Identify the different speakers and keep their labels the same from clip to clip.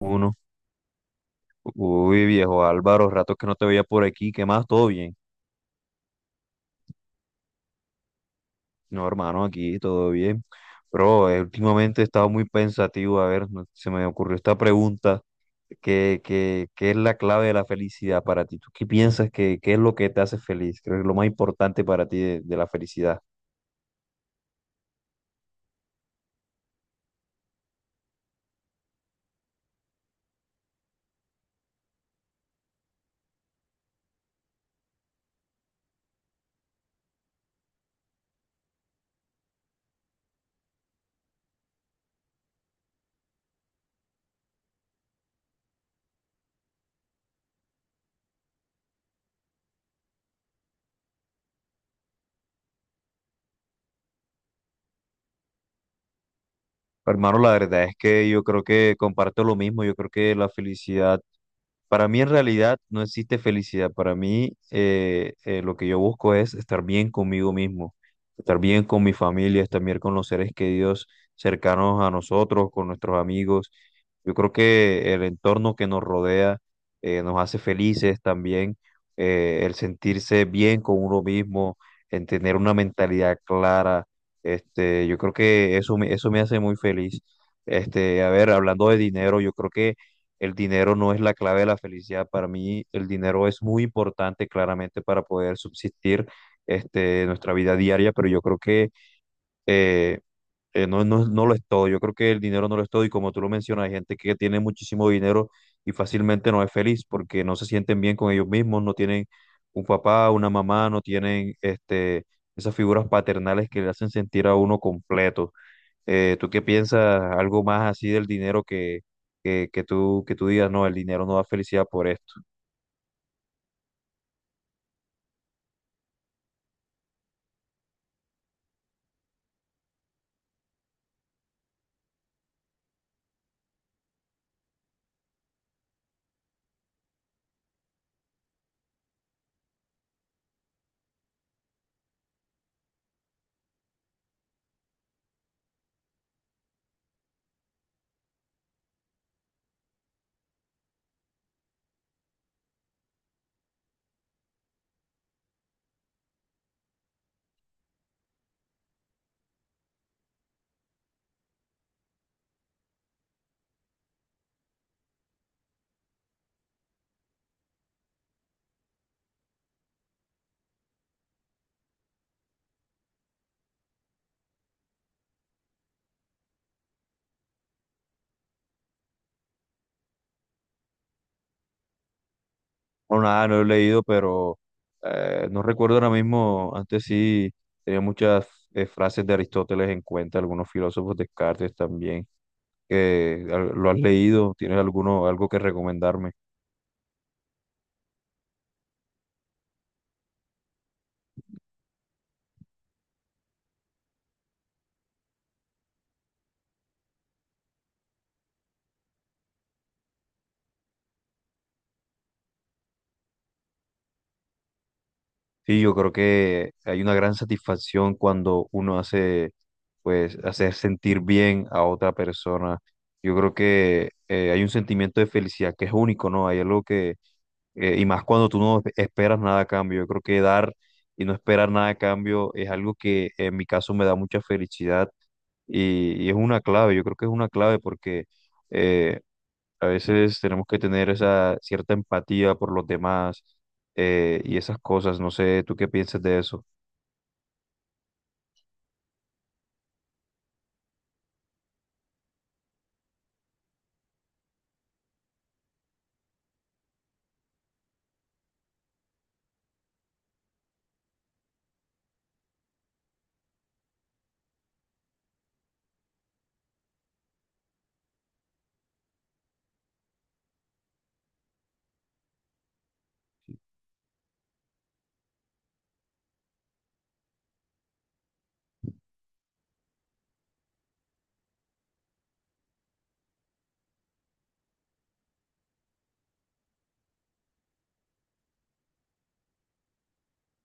Speaker 1: Uno. Uy, viejo Álvaro, rato que no te veía por aquí, ¿qué más? ¿Todo bien? No, hermano, aquí todo bien. Pero últimamente he estado muy pensativo, a ver, se me ocurrió esta pregunta, ¿qué es la clave de la felicidad para ti? ¿Tú qué piensas que qué es lo que te hace feliz? Creo que es lo más importante para ti de la felicidad. Hermano, la verdad es que yo creo que comparto lo mismo, yo creo que la felicidad. Para mí en realidad no existe felicidad. Para mí lo que yo busco es estar bien conmigo mismo, estar bien con mi familia, estar bien con los seres queridos cercanos a nosotros, con nuestros amigos. Yo creo que el entorno que nos rodea nos hace felices también, el sentirse bien con uno mismo, en tener una mentalidad clara. Este, yo creo que eso me hace muy feliz. Este, a ver, hablando de dinero, yo creo que el dinero no es la clave de la felicidad. Para mí, el dinero es muy importante claramente para poder subsistir este, nuestra vida diaria, pero yo creo que eh, no, no lo es todo. Yo creo que el dinero no lo es todo y como tú lo mencionas, hay gente que tiene muchísimo dinero y fácilmente no es feliz porque no se sienten bien con ellos mismos, no tienen un papá, una mamá, no tienen este, esas figuras paternales que le hacen sentir a uno completo. ¿Tú qué piensas? Algo más así del dinero que tú digas, no, el dinero no da felicidad por esto. O nada, no lo he leído, pero no recuerdo ahora mismo, antes sí tenía muchas frases de Aristóteles en cuenta, algunos filósofos Descartes también, que lo has leído, tienes alguno, algo que recomendarme. Sí, yo creo que hay una gran satisfacción cuando pues, hacer sentir bien a otra persona. Yo creo que hay un sentimiento de felicidad que es único, ¿no? Hay algo que y más cuando tú no esperas nada a cambio. Yo creo que dar y no esperar nada a cambio es algo que en mi caso me da mucha felicidad y es una clave, yo creo que es una clave porque eh, a veces tenemos que tener esa cierta empatía por los demás y esas cosas. No sé, ¿tú qué piensas de eso?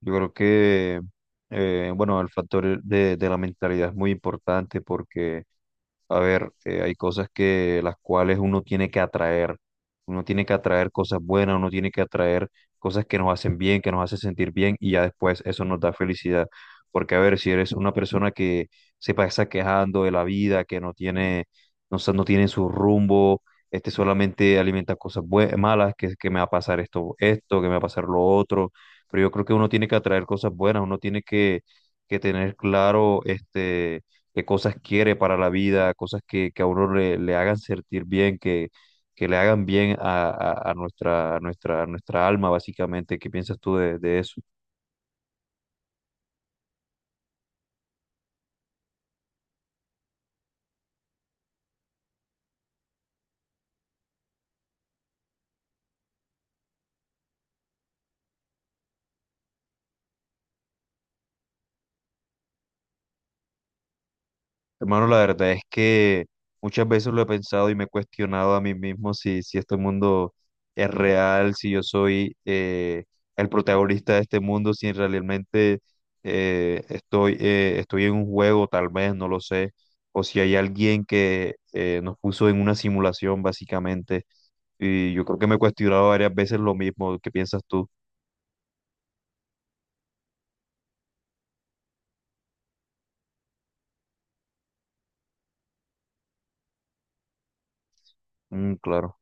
Speaker 1: Yo creo que, bueno, el factor de la mentalidad es muy importante porque, a ver, hay cosas que las cuales uno tiene que atraer. Uno tiene que atraer cosas buenas, uno tiene que atraer cosas que nos hacen bien, que nos hacen sentir bien y ya después eso nos da felicidad. Porque, a ver, si eres una persona que se pasa quejando de la vida, que no tiene, no tiene su rumbo, este solamente alimenta malas, que me va a pasar esto, esto, que me va a pasar lo otro, pero yo creo que uno tiene que atraer cosas buenas, que tener claro este, qué cosas quiere para la vida, cosas que a uno le hagan sentir bien, que le hagan bien a, a nuestra alma, básicamente. ¿Qué piensas tú de eso? Hermano, la verdad es que muchas veces lo he pensado y me he cuestionado a mí mismo si, si este mundo es real, si yo soy el protagonista de este mundo, si realmente estoy en un juego, tal vez, no lo sé, o si hay alguien que nos puso en una simulación, básicamente. Y yo creo que me he cuestionado varias veces lo mismo. ¿Qué piensas tú? Mm, claro.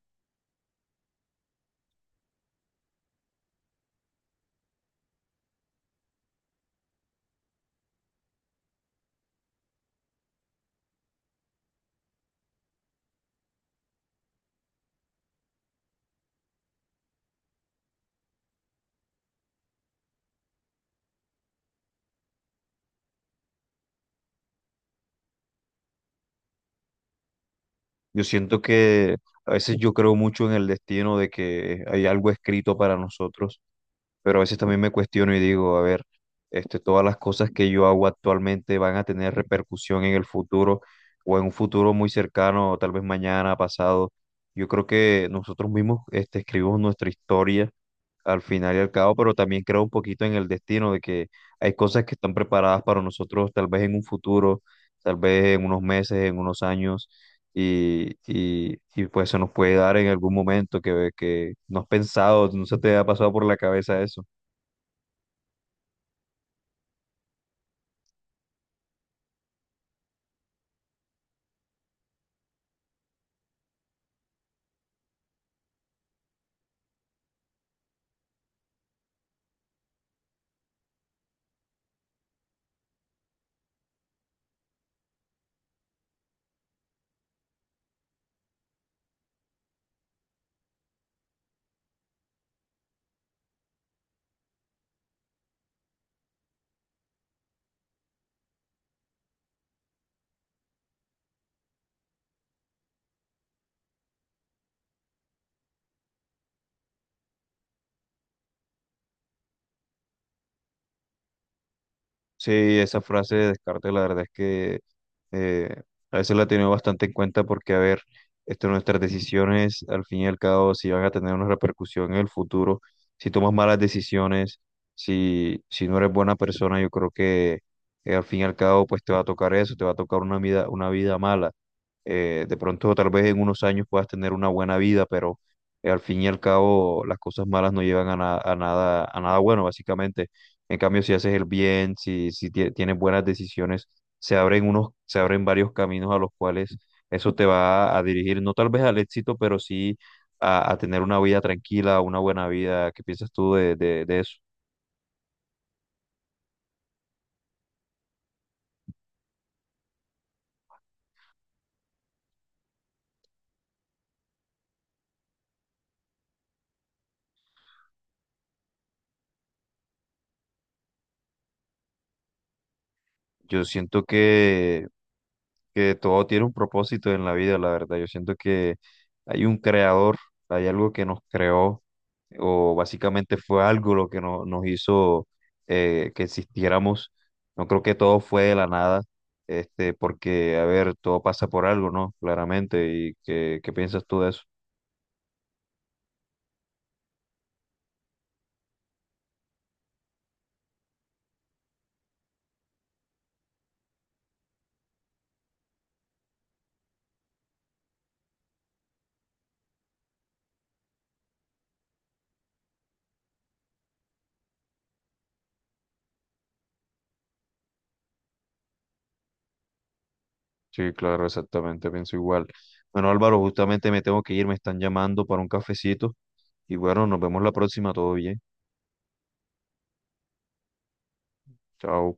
Speaker 1: Yo siento que a veces yo creo mucho en el destino de que hay algo escrito para nosotros, pero a veces también me cuestiono y digo, a ver, este, todas las cosas que yo hago actualmente van a tener repercusión en el futuro o en un futuro muy cercano, o tal vez mañana, pasado. Yo creo que nosotros mismos, este, escribimos nuestra historia al final y al cabo, pero también creo un poquito en el destino de que hay cosas que están preparadas para nosotros tal vez en un futuro, tal vez en unos meses, en unos años y, pues se nos puede dar en algún momento que no has pensado, no se te ha pasado por la cabeza eso. Sí, esa frase de descarte, la verdad es que eh, a veces la he tenido bastante en cuenta porque, a ver, este, nuestras decisiones, al fin y al cabo, si van a tener una repercusión en el futuro, si tomas malas decisiones, si no eres buena persona, yo creo que al fin y al cabo, pues te va a tocar eso, te va a tocar una vida mala. De pronto, tal vez en unos años puedas tener una buena vida, pero al fin y al cabo, las cosas malas no llevan a, a nada bueno, básicamente. En cambio, si haces el bien, si, si tie- tienes buenas decisiones, se abren varios caminos a los cuales eso te va a dirigir, no tal vez al éxito, pero sí a tener una vida tranquila, una buena vida. ¿Qué piensas tú de eso? Yo siento que todo tiene un propósito en la vida, la verdad. Yo siento que hay un creador, hay algo que nos creó, o básicamente fue algo lo que nos hizo que existiéramos. No creo que todo fue de la nada, este, porque, a ver, todo pasa por algo, ¿no? Claramente. ¿Y qué piensas tú de eso? Sí, claro, exactamente, pienso igual. Bueno, Álvaro, justamente me tengo que ir, me están llamando para un cafecito. Y bueno, nos vemos la próxima, todo bien. Chao.